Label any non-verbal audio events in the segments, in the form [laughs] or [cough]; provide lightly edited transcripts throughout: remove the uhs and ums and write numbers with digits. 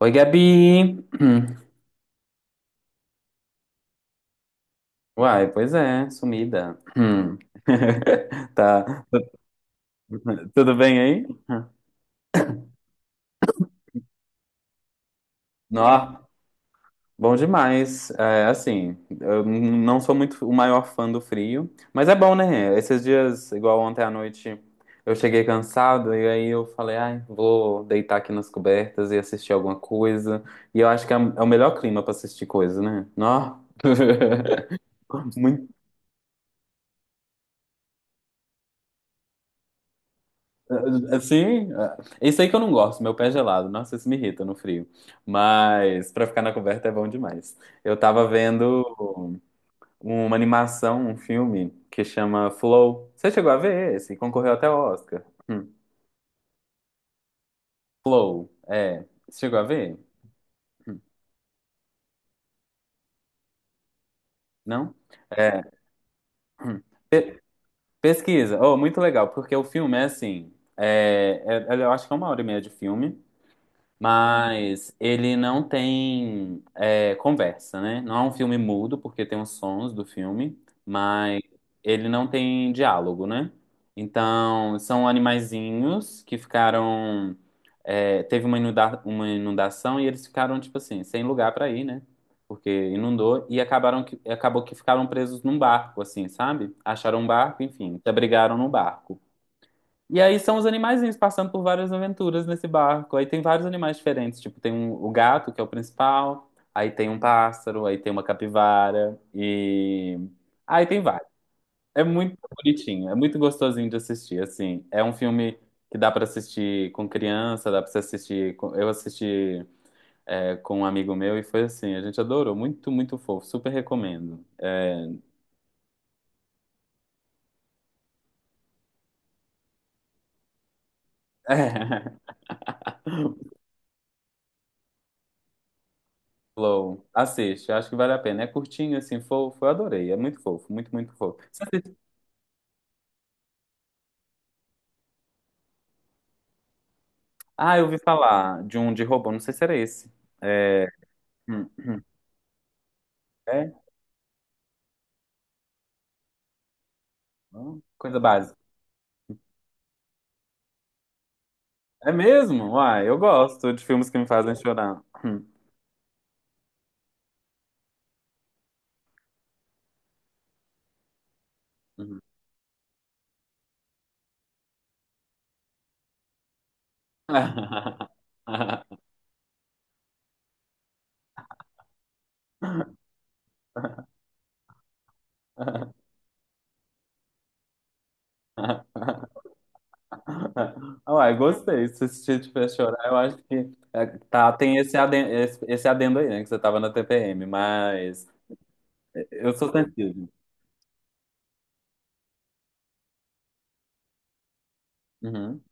Oi, Gabi! [clears throat] Uai, pois é, sumida. [clears throat] [laughs] Tá. Tudo bem aí? Nó, bom demais. É, assim, eu não sou muito o maior fã do frio, mas é bom, né? Esses dias, igual ontem à noite, eu cheguei cansado e aí eu falei, ai, vou deitar aqui nas cobertas e assistir alguma coisa. E eu acho que é o melhor clima pra assistir coisa, né? Nó. [laughs] Muito assim, é isso aí que eu não gosto, meu pé gelado. Nossa, isso me irrita no frio. Mas pra ficar na coberta é bom demais. Eu tava vendo uma animação, um filme que chama Flow. Você chegou a ver esse? Concorreu até ao Oscar. Hum. Flow, é. Você chegou a ver? Não? É. hum. Pe- pesquisa. Oh, muito legal, porque o filme é assim. Eu acho que é 1 hora e meia de filme. Mas ele não tem conversa, né? Não é um filme mudo, porque tem os sons do filme, mas ele não tem diálogo, né? Então, são animaizinhos que ficaram. É, teve uma inundação e eles ficaram, tipo assim, sem lugar para ir, né? Porque inundou e acabou que ficaram presos num barco, assim, sabe? Acharam um barco, enfim, se abrigaram no barco. E aí são os animaizinhos passando por várias aventuras nesse barco. Aí tem vários animais diferentes, tipo, o gato, que é o principal, aí tem um pássaro, aí tem uma capivara, e... Aí tem vários. É muito bonitinho, é muito gostosinho de assistir, assim. É um filme que dá pra assistir com criança, dá pra você assistir... Eu assisti, é, com um amigo meu e foi assim, a gente adorou, muito, muito fofo, super recomendo. [laughs] É. Flow, assiste, acho que vale a pena. É curtinho, assim, fofo, eu adorei, é muito fofo, muito, muito fofo. Ah, eu ouvi falar de um de robô, não sei se era esse. É, hum, hum, é? Coisa básica. É mesmo? Uai, eu gosto de filmes que me fazem chorar. Hum. [laughs] Uai, gostei. Se esse te tiver chorar, eu acho que é, tá, tem esse adendo, aí, né? Que você tava na TPM, mas eu sou sensível. Uhum.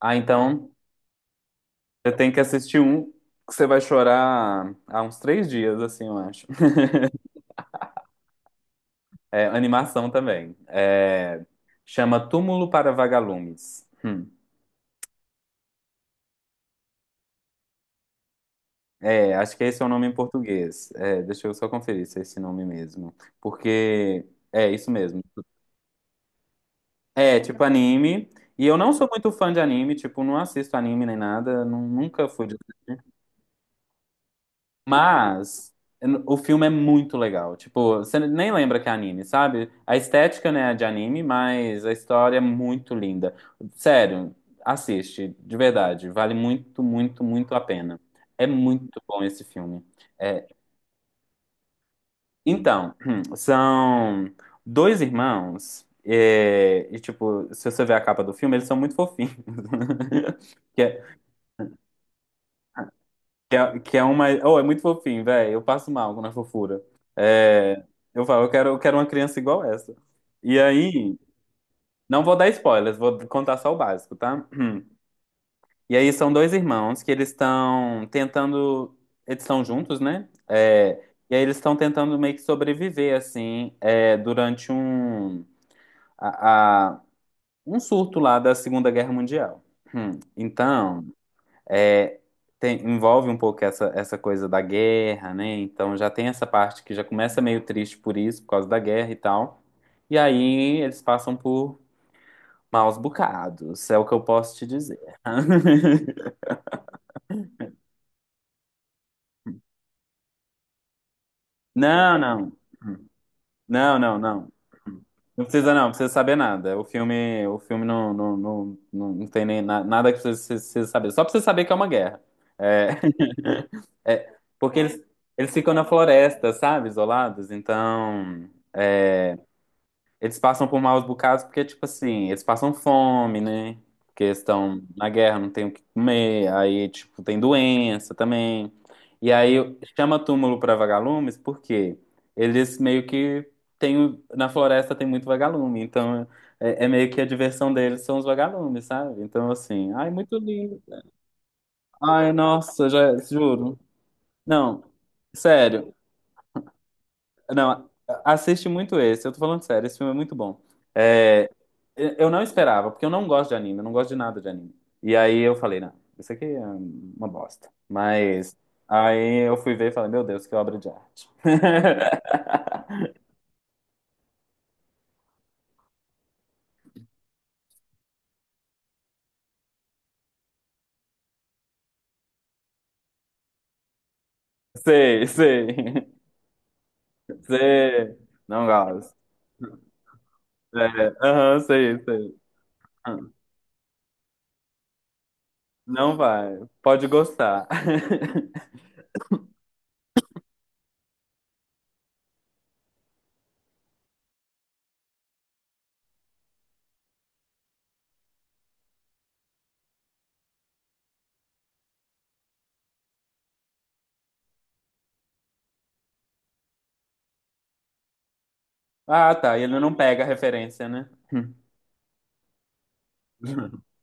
Ah, então você tem que assistir um que você vai chorar há uns 3 dias, assim, eu acho. É, animação também. É, chama Túmulo para Vagalumes. Hum. É, acho que esse é o nome em português. É, deixa eu só conferir se é esse nome mesmo. Porque é isso mesmo. É, tipo anime. E eu não sou muito fã de anime, tipo, não assisto anime nem nada, nunca fui. Mas o filme é muito legal. Tipo, você nem lembra que é anime, sabe? A estética, né, é de anime, mas a história é muito linda. Sério, assiste, de verdade. Vale muito, muito, muito a pena. É muito bom esse filme. É, então, [clears throat] são dois irmãos. É, e, tipo, se você ver a capa do filme, eles são muito fofinhos. [laughs] Que é- que é uma. Oh, é muito fofinho, velho. Eu passo mal na fofura. É, eu falo, eu quero uma criança igual essa. E aí, não vou dar spoilers, vou contar só o básico, tá? E aí são dois irmãos que eles estão tentando. Eles estão juntos, né? É, e aí eles estão tentando meio que sobreviver, assim, é, durante a, a- um surto lá da Segunda Guerra Mundial. Então. É, envolve um pouco essa, essa coisa da guerra, né? Então já tem essa parte que já começa meio triste por isso, por causa da guerra e tal. E aí eles passam por maus bocados, é o que eu posso te dizer. [laughs] Não, não. Não, não, não. Não precisa não, não precisa saber nada. O filme não, não, não, não, não tem nem nada que você precisa saber. Só pra você saber que é uma guerra. É, [laughs] é, porque eles ficam na floresta, sabe? Isolados, então. Eles passam por maus bocados porque, tipo assim, eles passam fome, né? Porque eles estão na guerra, não tem o que comer. Aí, tipo, tem doença também. E aí chama túmulo para vagalumes porque eles meio que tem, na floresta tem muito vagalume. Então é, é meio que a diversão deles são os vagalumes, sabe? Então, assim, ai, muito lindo. Ai, nossa, já juro. Não, sério. Não, assiste muito esse. Eu tô falando sério, esse filme é muito bom. É, eu não esperava, porque eu não gosto de anime, eu não gosto de nada de anime. E aí eu falei, não, isso aqui é uma bosta. Mas aí eu fui ver e falei, meu Deus, que obra de arte. [laughs] Sei, sei, sei. Não gosto. É, aham, sei, sei. Aham. Não vai. Pode gostar. [laughs] Ah, tá. E ele não pega a referência, né? [laughs]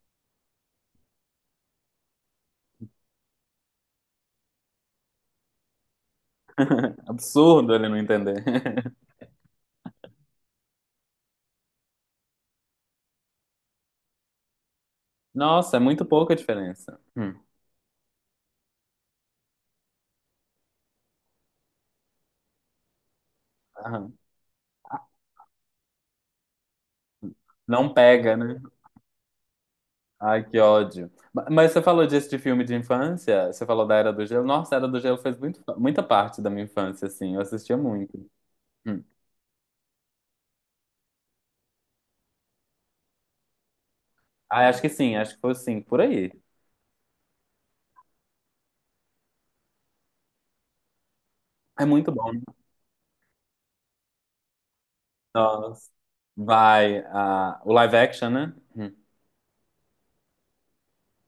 Absurdo ele não entender. [laughs] Nossa, é muito pouca diferença. Aham. Não pega, né? Ai, que ódio. Mas você falou disso de filme de infância? Você falou da Era do Gelo? Nossa, a Era do Gelo fez muito, muita parte da minha infância, assim. Eu assistia muito. Hum. Ah, acho que sim, acho que foi sim, por aí. É muito bom. Nossa. Vai, ah, o live action, né? Hum.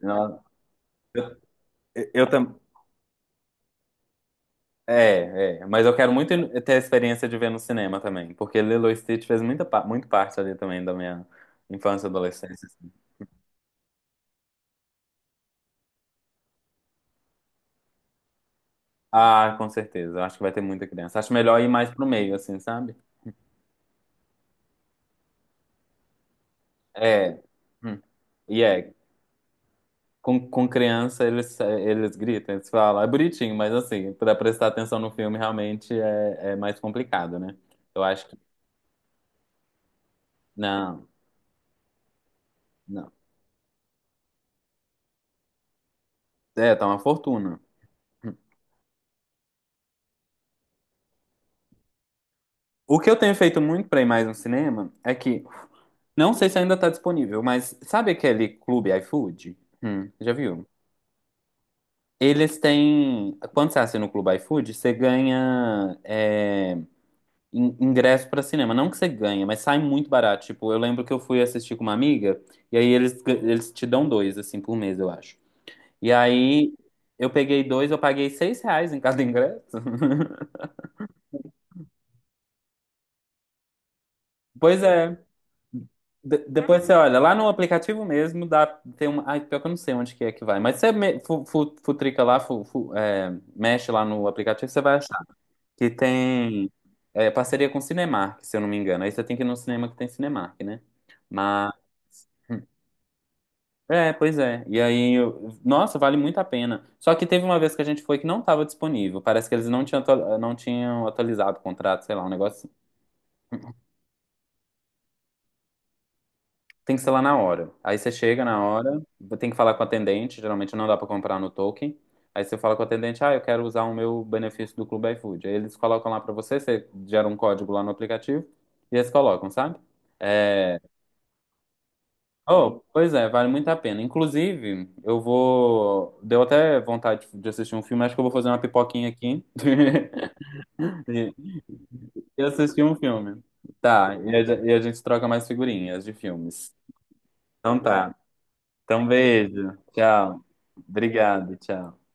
Nossa. Eu também. É, é. Mas eu quero muito ter a experiência de ver no cinema também, porque Lilo e Stitch fez muita, muito parte ali também da minha infância e adolescência. Assim. Ah, com certeza. Eu acho que vai ter muita criança. Acho melhor ir mais pro meio, assim, sabe? É. Hum. E é, com criança eles gritam, eles falam, é bonitinho, mas assim, pra prestar atenção no filme realmente é, é mais complicado, né? Eu acho que. Não, não. É, tá uma fortuna. Hum. O que eu tenho feito muito pra ir mais no cinema é que, não sei se ainda tá disponível, mas sabe aquele Clube iFood? Já viu? Eles têm. Quando você assina o Clube iFood, você ganha. É, ingresso pra cinema. Não que você ganha, mas sai muito barato. Tipo, eu lembro que eu fui assistir com uma amiga, e aí eles te dão dois, assim, por mês, eu acho. E aí eu peguei dois, eu paguei 6 reais em cada ingresso. [laughs] Pois é. Depois você olha, lá no aplicativo mesmo, dá, tem uma. Ai, pior que eu não sei onde que é que vai. Mas você futrica lá, é, mexe lá no aplicativo, você vai achar que tem é, parceria com Cinemark, se eu não me engano. Aí você tem que ir no cinema que tem Cinemark, né? Mas. Hum, é, pois é. E aí, nossa, vale muito a pena. Só que teve uma vez que a gente foi que não estava disponível. Parece que eles não tinham, não tinham atualizado o contrato, sei lá, um negócio. Assim. Tem que ser lá na hora. Aí você chega na hora, tem que falar com o atendente. Geralmente não dá para comprar no token. Aí você fala com o atendente, ah, eu quero usar o meu benefício do Clube iFood. Aí eles colocam lá para você, você gera um código lá no aplicativo e eles colocam, sabe? É, oh, pois é, vale muito a pena. Inclusive, eu vou. Deu até vontade de assistir um filme, acho que eu vou fazer uma pipoquinha aqui [laughs] e e assistir um filme. Tá, e e a gente troca mais figurinhas de filmes. Então tá. Então, beijo. Tchau. Obrigado, tchau.